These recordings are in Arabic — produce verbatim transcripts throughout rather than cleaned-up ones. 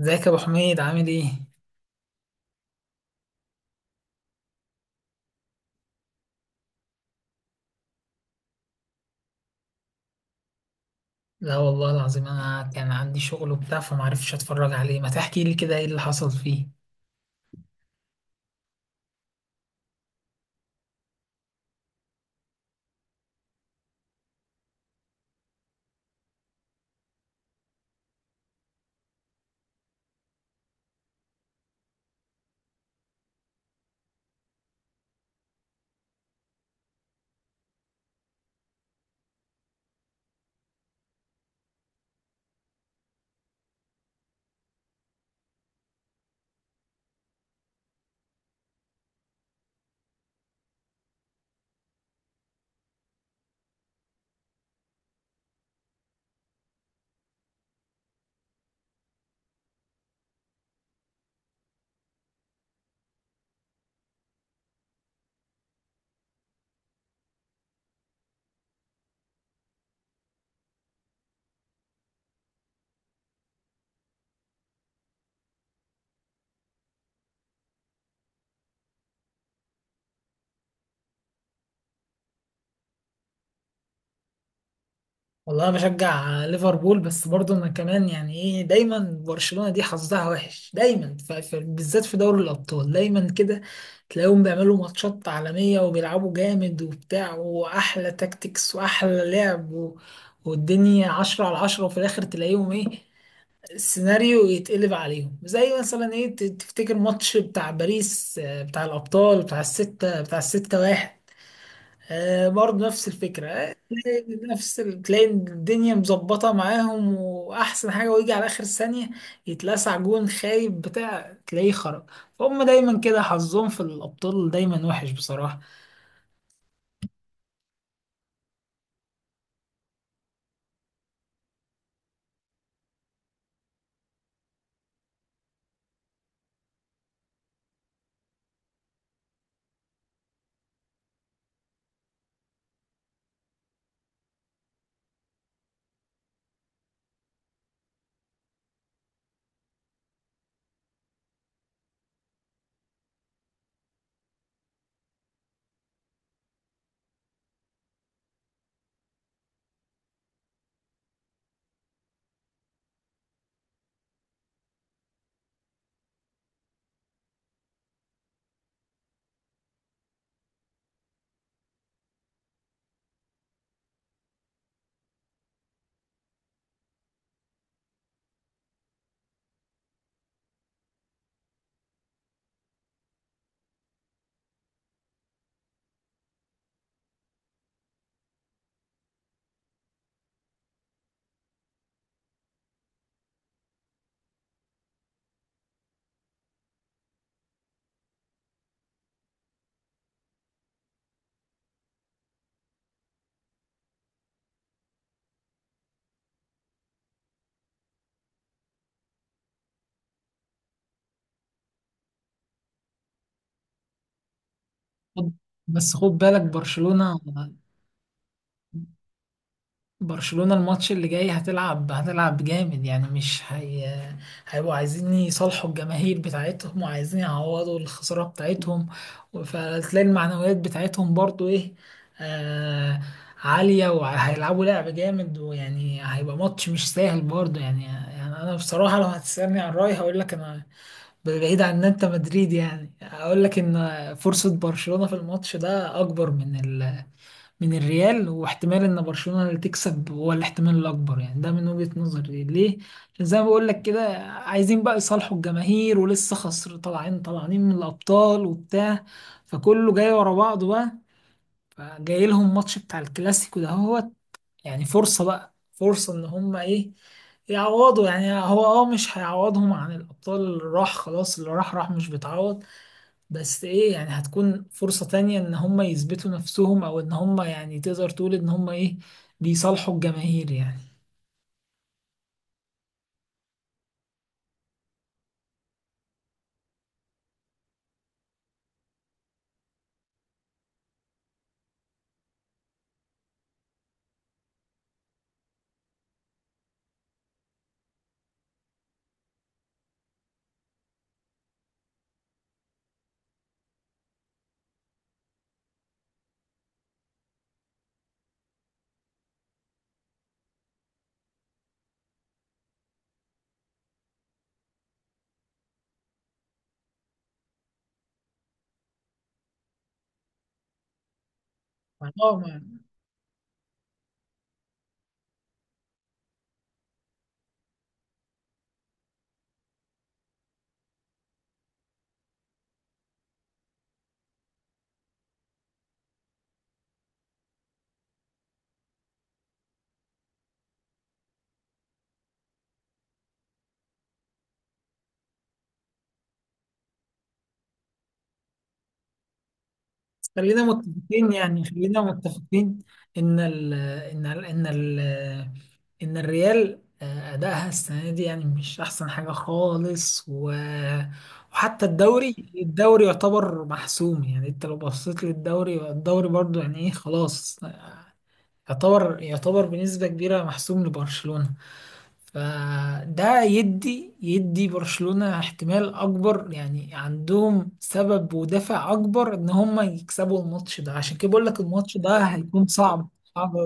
ازيك يا ابو حميد؟ عامل ايه؟ لا والله العظيم انا كان عندي شغل وبتاع فمعرفتش اتفرج عليه. ما تحكي لي كده ايه اللي حصل فيه. والله انا بشجع ليفربول، بس برضه انا كمان يعني ايه، دايما برشلونة دي حظها وحش دايما، ف- ف- بالذات في دوري الابطال دايما كده تلاقيهم بيعملوا ماتشات عالمية وبيلعبوا جامد وبتاع، واحلى تاكتكس واحلى لعب و... والدنيا عشرة على عشرة وفي الاخر تلاقيهم ايه؟ السيناريو يتقلب عليهم، زي مثلا ايه، ت- تفتكر ماتش بتاع باريس، آه، بتاع الابطال، بتاع الستة، بتاع الستة واحد. آه برضه نفس الفكرة. آه، تلاقي نفس ال- تلاقي الدنيا مظبطة معاهم وأحسن حاجة، ويجي على آخر ثانية يتلسع جون خايب بتاع، تلاقيه خرج. فهم دايما كده حظهم في الأبطال دايما وحش بصراحة. خد- بس خد بالك، برشلونة، برشلونة الماتش اللي جاي هتلعب، هتلعب جامد يعني، مش هي هيبقوا عايزين يصالحوا الجماهير بتاعتهم وعايزين يعوضوا الخسارة بتاعتهم، فتلاقي المعنويات بتاعتهم برضو ايه، آه، عالية، وهيلعبوا لعب جامد، ويعني هيبقى ماتش مش سهل برضو يعني. يعني انا بصراحة لو هتسألني عن رأيي هقول لك انا، بعيد عن ان انت مدريد يعني، اقول لك ان فرصة برشلونة في الماتش ده اكبر من من الريال، واحتمال ان برشلونة اللي تكسب هو الاحتمال الاكبر يعني. ده من وجهة نظري ليه؟ عشان زي ما بقول لك كده، عايزين بقى يصالحوا الجماهير، ولسه خسر، طالعين طالعين من الابطال وبتاع، فكله جاي ورا بعضه بقى. فجاي لهم ماتش بتاع الكلاسيكو ده، هو يعني فرصة، بقى فرصة ان هم ايه، يعوضوا. يعني هو اه مش هيعوضهم عن الابطال، اللي راح خلاص، اللي راح راح، مش بيتعوض، بس ايه يعني هتكون فرصة تانية ان هم يثبتوا نفسهم، او ان هم يعني تقدر تقول ان هم ايه، بيصالحوا الجماهير يعني. اه ما- خلينا متفقين يعني، خلينا متفقين ان ال ان ال ان ال ان الريال، آه، ادائها السنة دي يعني مش احسن حاجة خالص، و وحتى الدوري، الدوري يعتبر محسوم. يعني انت لو بصيت للدوري، الدوري برضو يعني ايه خلاص، يعتبر يعتبر بنسبة كبيرة محسوم لبرشلونة. فده يدي يدي برشلونة احتمال اكبر، يعني عندهم سبب ودافع اكبر ان هم يكسبوا الماتش ده، عشان كده بقول لك الماتش ده هيكون صعب، صعب.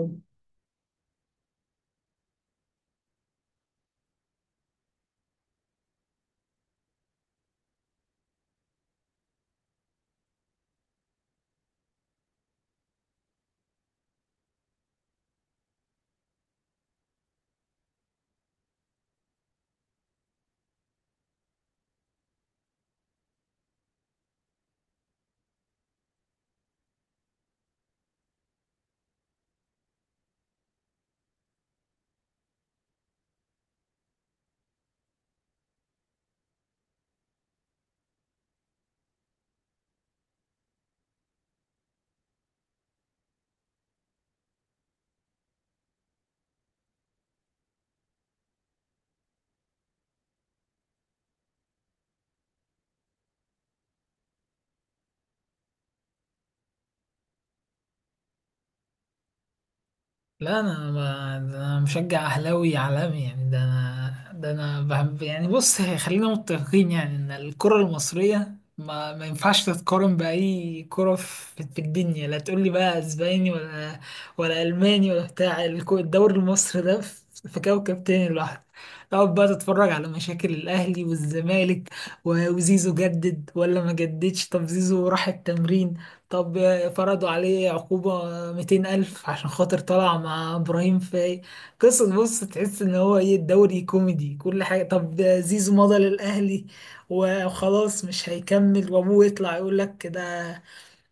لا انا ما ده انا مشجع اهلاوي عالمي يعني، ده انا ده انا بحب يعني، بص خلينا متفقين يعني ان الكرة المصرية ما ما ينفعش تتقارن بأي كرة في في الدنيا. لا تقول لي بقى اسباني، ولا ولا الماني ولا بتاع الكو- الدوري المصري ده في في كوكب تاني لوحده. تقعد بقى تتفرج على مشاكل الاهلي والزمالك، و- وزيزو جدد ولا ما جددش، طب زيزو راح التمرين، طب فرضوا عليه عقوبة مئتين ألف عشان خاطر طلع مع إبراهيم فاي، قصة بص، تحس إن هو إيه، الدوري كوميدي. كل حاجة، طب زيزو مضى للأهلي وخلاص مش هيكمل، وأبوه يطلع يقول لك ده،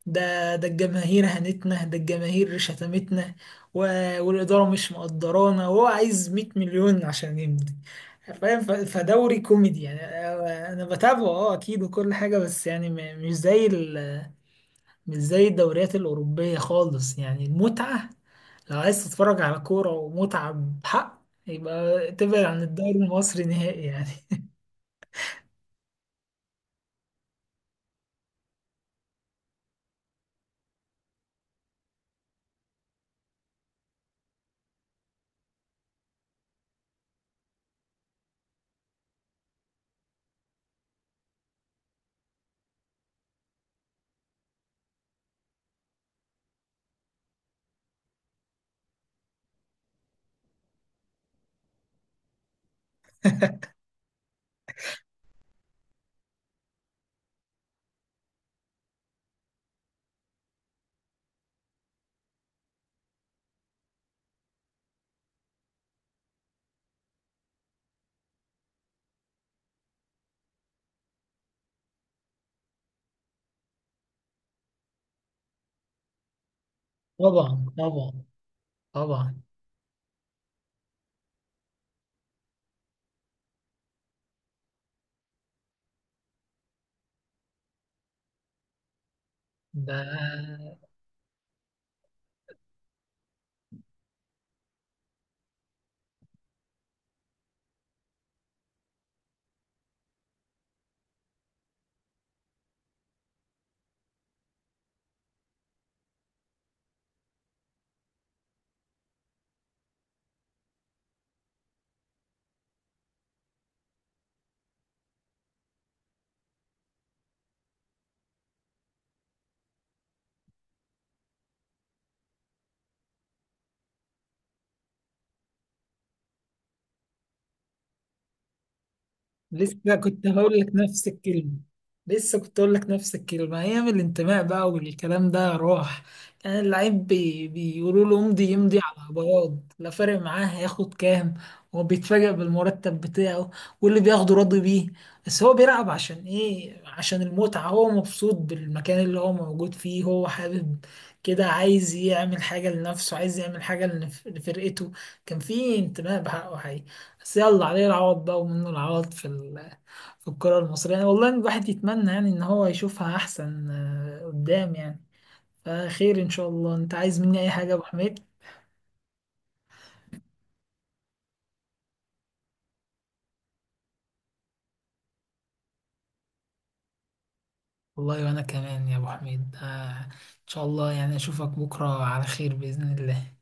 ده ده الجماهير هنتنا، ده الجماهير شتمتنا، و... والإدارة مش مقدرانا، وهو عايز مئة مليون عشان يمضي. فاهم؟ ف- فدوري كوميدي يعني، أنا أنا بتابعه أه أكيد وكل حاجة، بس يعني م- مش زي ال مش زي الدوريات الأوروبية خالص يعني. المتعة لو عايز تتفرج على كورة ومتعة بحق، يبقى تبعد عن الدوري المصري نهائي يعني. طبعا، طبعا، طبعا. ده لسه كنت هقول لك نفس الكلمة، لسه كنت هقول لك نفس الكلمة، أيام الانتماء بقى والكلام ده راح، كان اللعيب بي... بيقولوا له امضي، يمضي على بياض، لا فارق معاه هياخد كام، هو بيتفاجئ بالمرتب بتاعه واللي بياخده راضي بيه. بس هو بيلعب عشان إيه؟ عشان المتعة، هو مبسوط بالمكان اللي هو موجود فيه، هو حابب كده، عايز يعمل حاجة لنفسه، عايز يعمل حاجة لنف- لفرقته، كان في انتماء بحقه حقيقي. بس يلا، عليه العوض بقى ومنه العوض في ال... في الكرة المصرية يعني. والله الواحد يتمنى يعني ان هو يشوفها احسن، آه، قدام يعني. فخير ان شاء الله، انت عايز مني اي حاجة يا ابو حميد؟ والله وانا كمان يا ابو حميد، آه، ان شاء الله يعني اشوفك بكرة على خير بإذن الله.